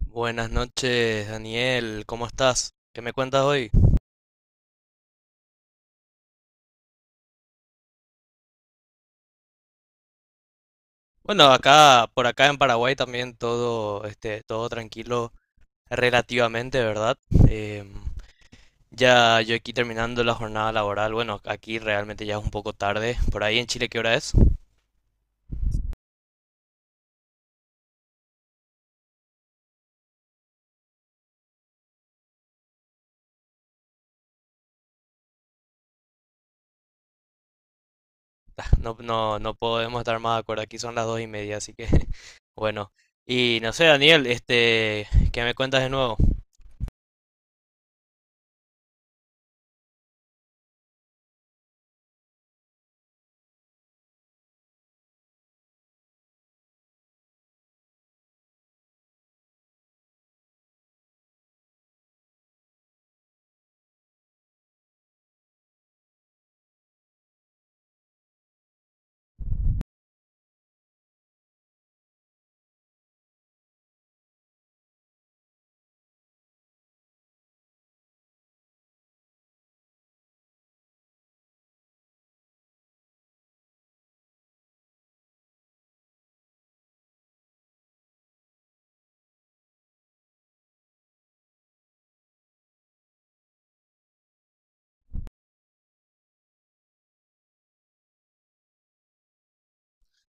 Buenas noches, Daniel. ¿Cómo estás? ¿Qué me cuentas hoy? Bueno, acá, por acá en Paraguay también todo, todo tranquilo relativamente, ¿verdad? Em, ya yo aquí terminando la jornada laboral. Bueno, aquí realmente ya es un poco tarde. Por ahí en Chile, ¿qué hora es? Ah, No, no, no podemos estar más de acuerdo. Aquí son las dos y media, así que bueno. Y no sé, Daniel, ¿qué me cuentas de nuevo?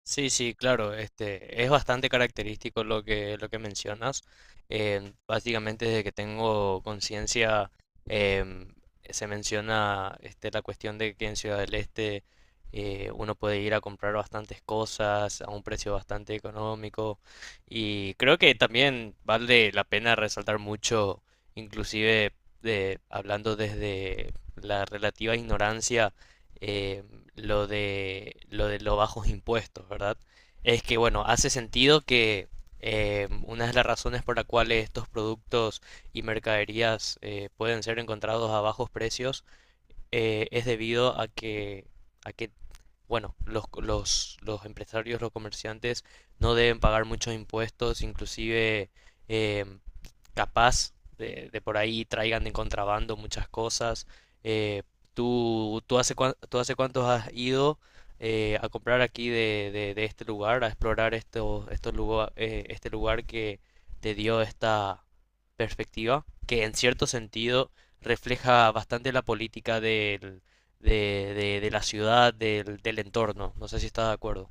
Sí, sí, claro, es bastante característico lo que mencionas. Básicamente desde que tengo conciencia em, se menciona, este, la cuestión de que en Ciudad del Este uno puede ir a comprar bastantes cosas a un precio bastante económico, y creo que también vale la pena resaltar mucho, inclusive, hablando desde la relativa ignorancia, eh, lo de los bajos impuestos, ¿verdad? Es que, bueno, hace sentido que una de las razones por la cual estos productos y mercaderías pueden ser encontrados a bajos precios es debido a que, bueno, los empresarios, los comerciantes no deben pagar muchos impuestos, inclusive eh, capaz de por ahí traigan de contrabando muchas cosas. Eh, ¿tú tú hace cuántos has ido a comprar aquí de este lugar, a explorar este lugar que te dio esta perspectiva, que en cierto sentido refleja bastante la política de la ciudad, del entorno. No sé si estás de acuerdo.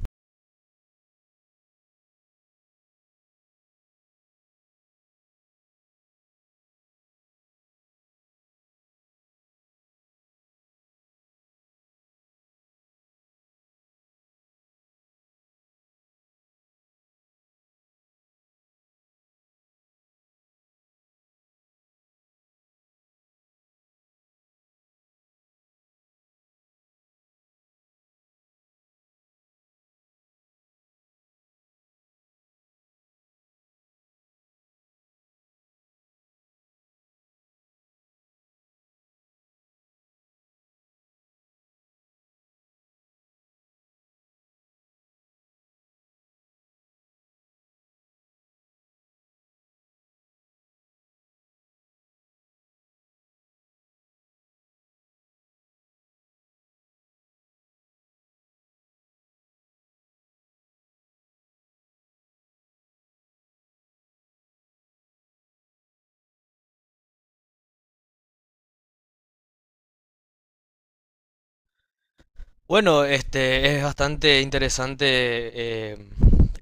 Bueno, este es bastante interesante, eh,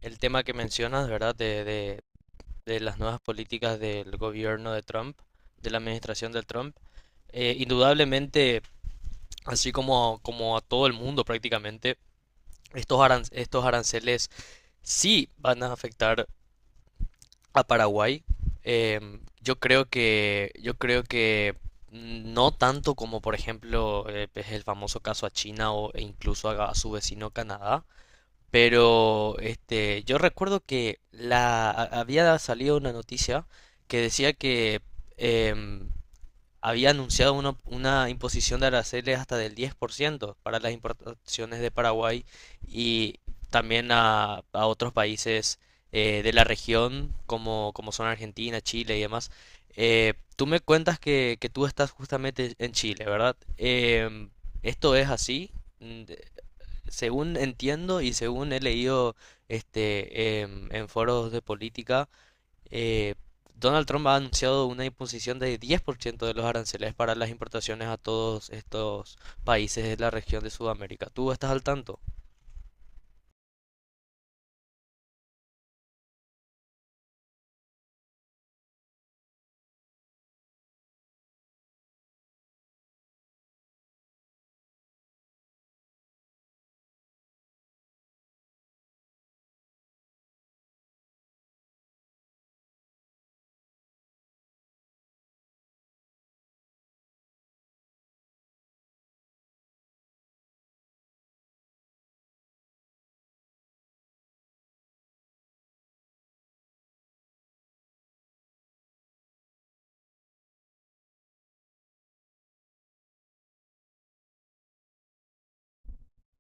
el tema que mencionas, ¿verdad? De las nuevas políticas del gobierno de Trump, de la administración de Trump. Indudablemente, así como, como a todo el mundo prácticamente, estos aranceles sí van a afectar a Paraguay. Yo creo que no tanto como, por ejemplo, es el famoso caso a China o, e incluso a su vecino Canadá. Pero, este, yo recuerdo que había salido una noticia que decía que, em, había anunciado una imposición de aranceles hasta del 10% para las importaciones de Paraguay y también a otros países, de la región como, como son Argentina, Chile y demás. Tú me cuentas que tú estás justamente en Chile, ¿verdad? Em, ¿esto es así? Mm, de- Según entiendo y según he leído, en foros de política, eh, Donald Trump ha anunciado una imposición de 10% de los aranceles para las importaciones a todos estos países de la región de Sudamérica. ¿Tú estás al tanto?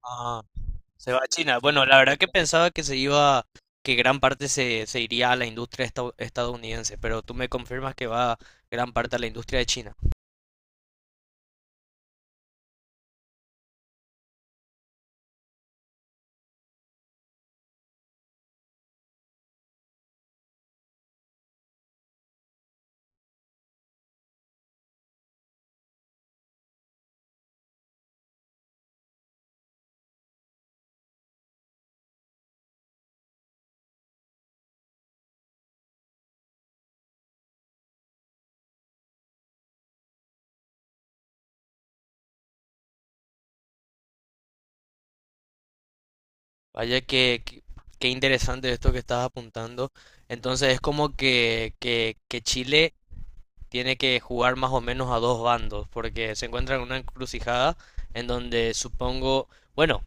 Ah, se va a China. Bueno, la verdad que pensaba que se iba, que gran parte se iría a la industria estadounidense, pero tú me confirmas que va gran parte a la industria de China. Vaya, qué interesante esto que estás apuntando. Entonces es como que Chile tiene que jugar más o menos a dos bandos, porque se encuentra en una encrucijada en donde supongo, bueno,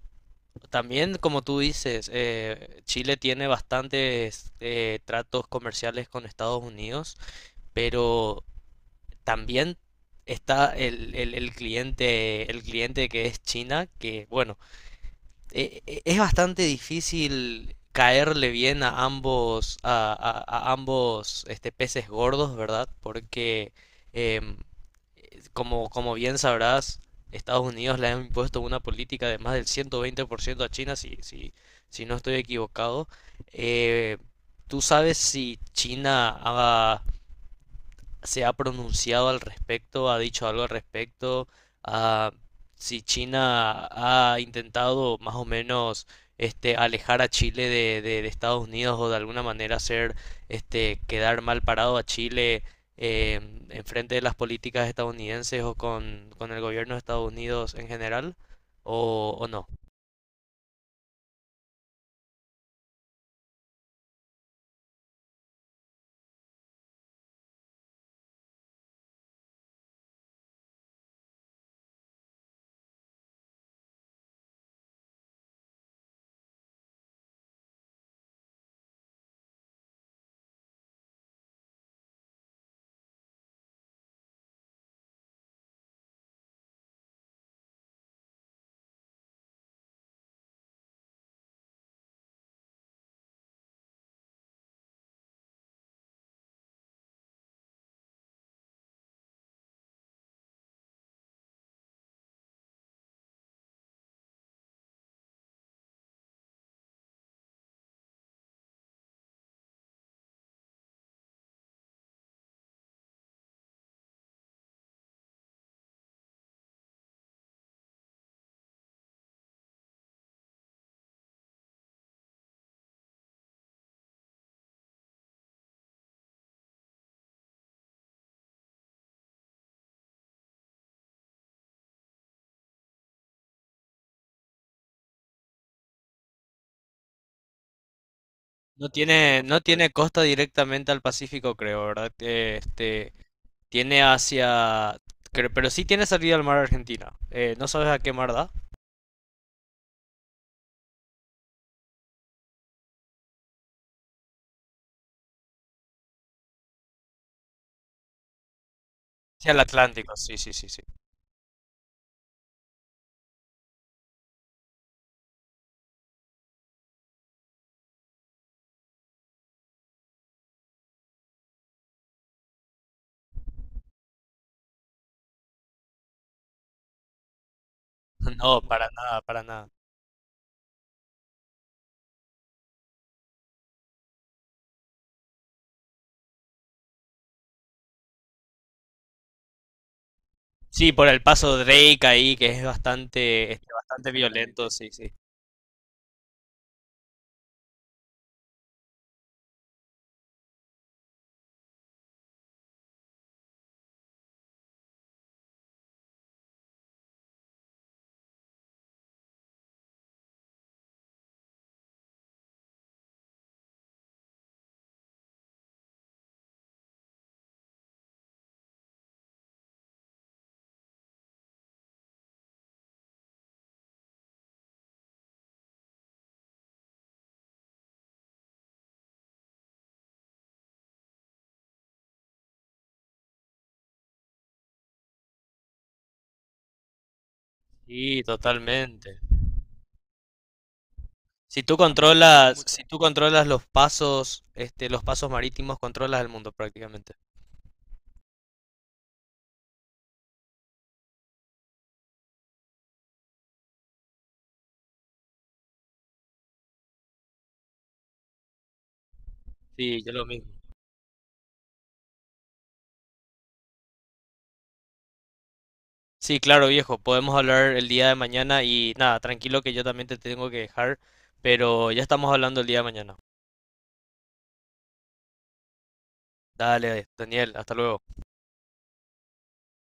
también como tú dices, Chile tiene bastantes, tratos comerciales con Estados Unidos, pero también está el cliente que es China, que, bueno, es bastante difícil caerle bien a ambos, a ambos, este, peces gordos, ¿verdad? Porque, em, como, como bien sabrás, Estados Unidos le ha impuesto una política de más del 120% a China, si no estoy equivocado. Eh, ¿Tú sabes si China ha se ha pronunciado al respecto, ha dicho algo al respecto, a si China ha intentado más o menos, este, alejar a Chile de Estados Unidos, o de alguna manera hacer, este, quedar mal parado a Chile, eh, en frente de las políticas estadounidenses o con el gobierno de Estados Unidos en general, o no. No tiene, no tiene costa directamente al Pacífico, creo, ¿verdad? Tiene hacia... Pero sí tiene salida al mar Argentina. ¿No sabes a qué mar da? Sí, al Atlántico, sí, sí, sí, sí. No, para nada, para nada. Sí, por el paso Drake ahí, que es bastante, este, bastante violento, sí, sí. Sí, totalmente. Si tú controlas, si tú controlas los pasos, este, los pasos marítimos, controlas el mundo prácticamente. Sí, yo lo mismo. Sí, claro, viejo. Podemos hablar el día de mañana y nada, tranquilo que yo también te tengo que dejar, pero ya estamos hablando el día de mañana. Dale, Daniel, hasta luego.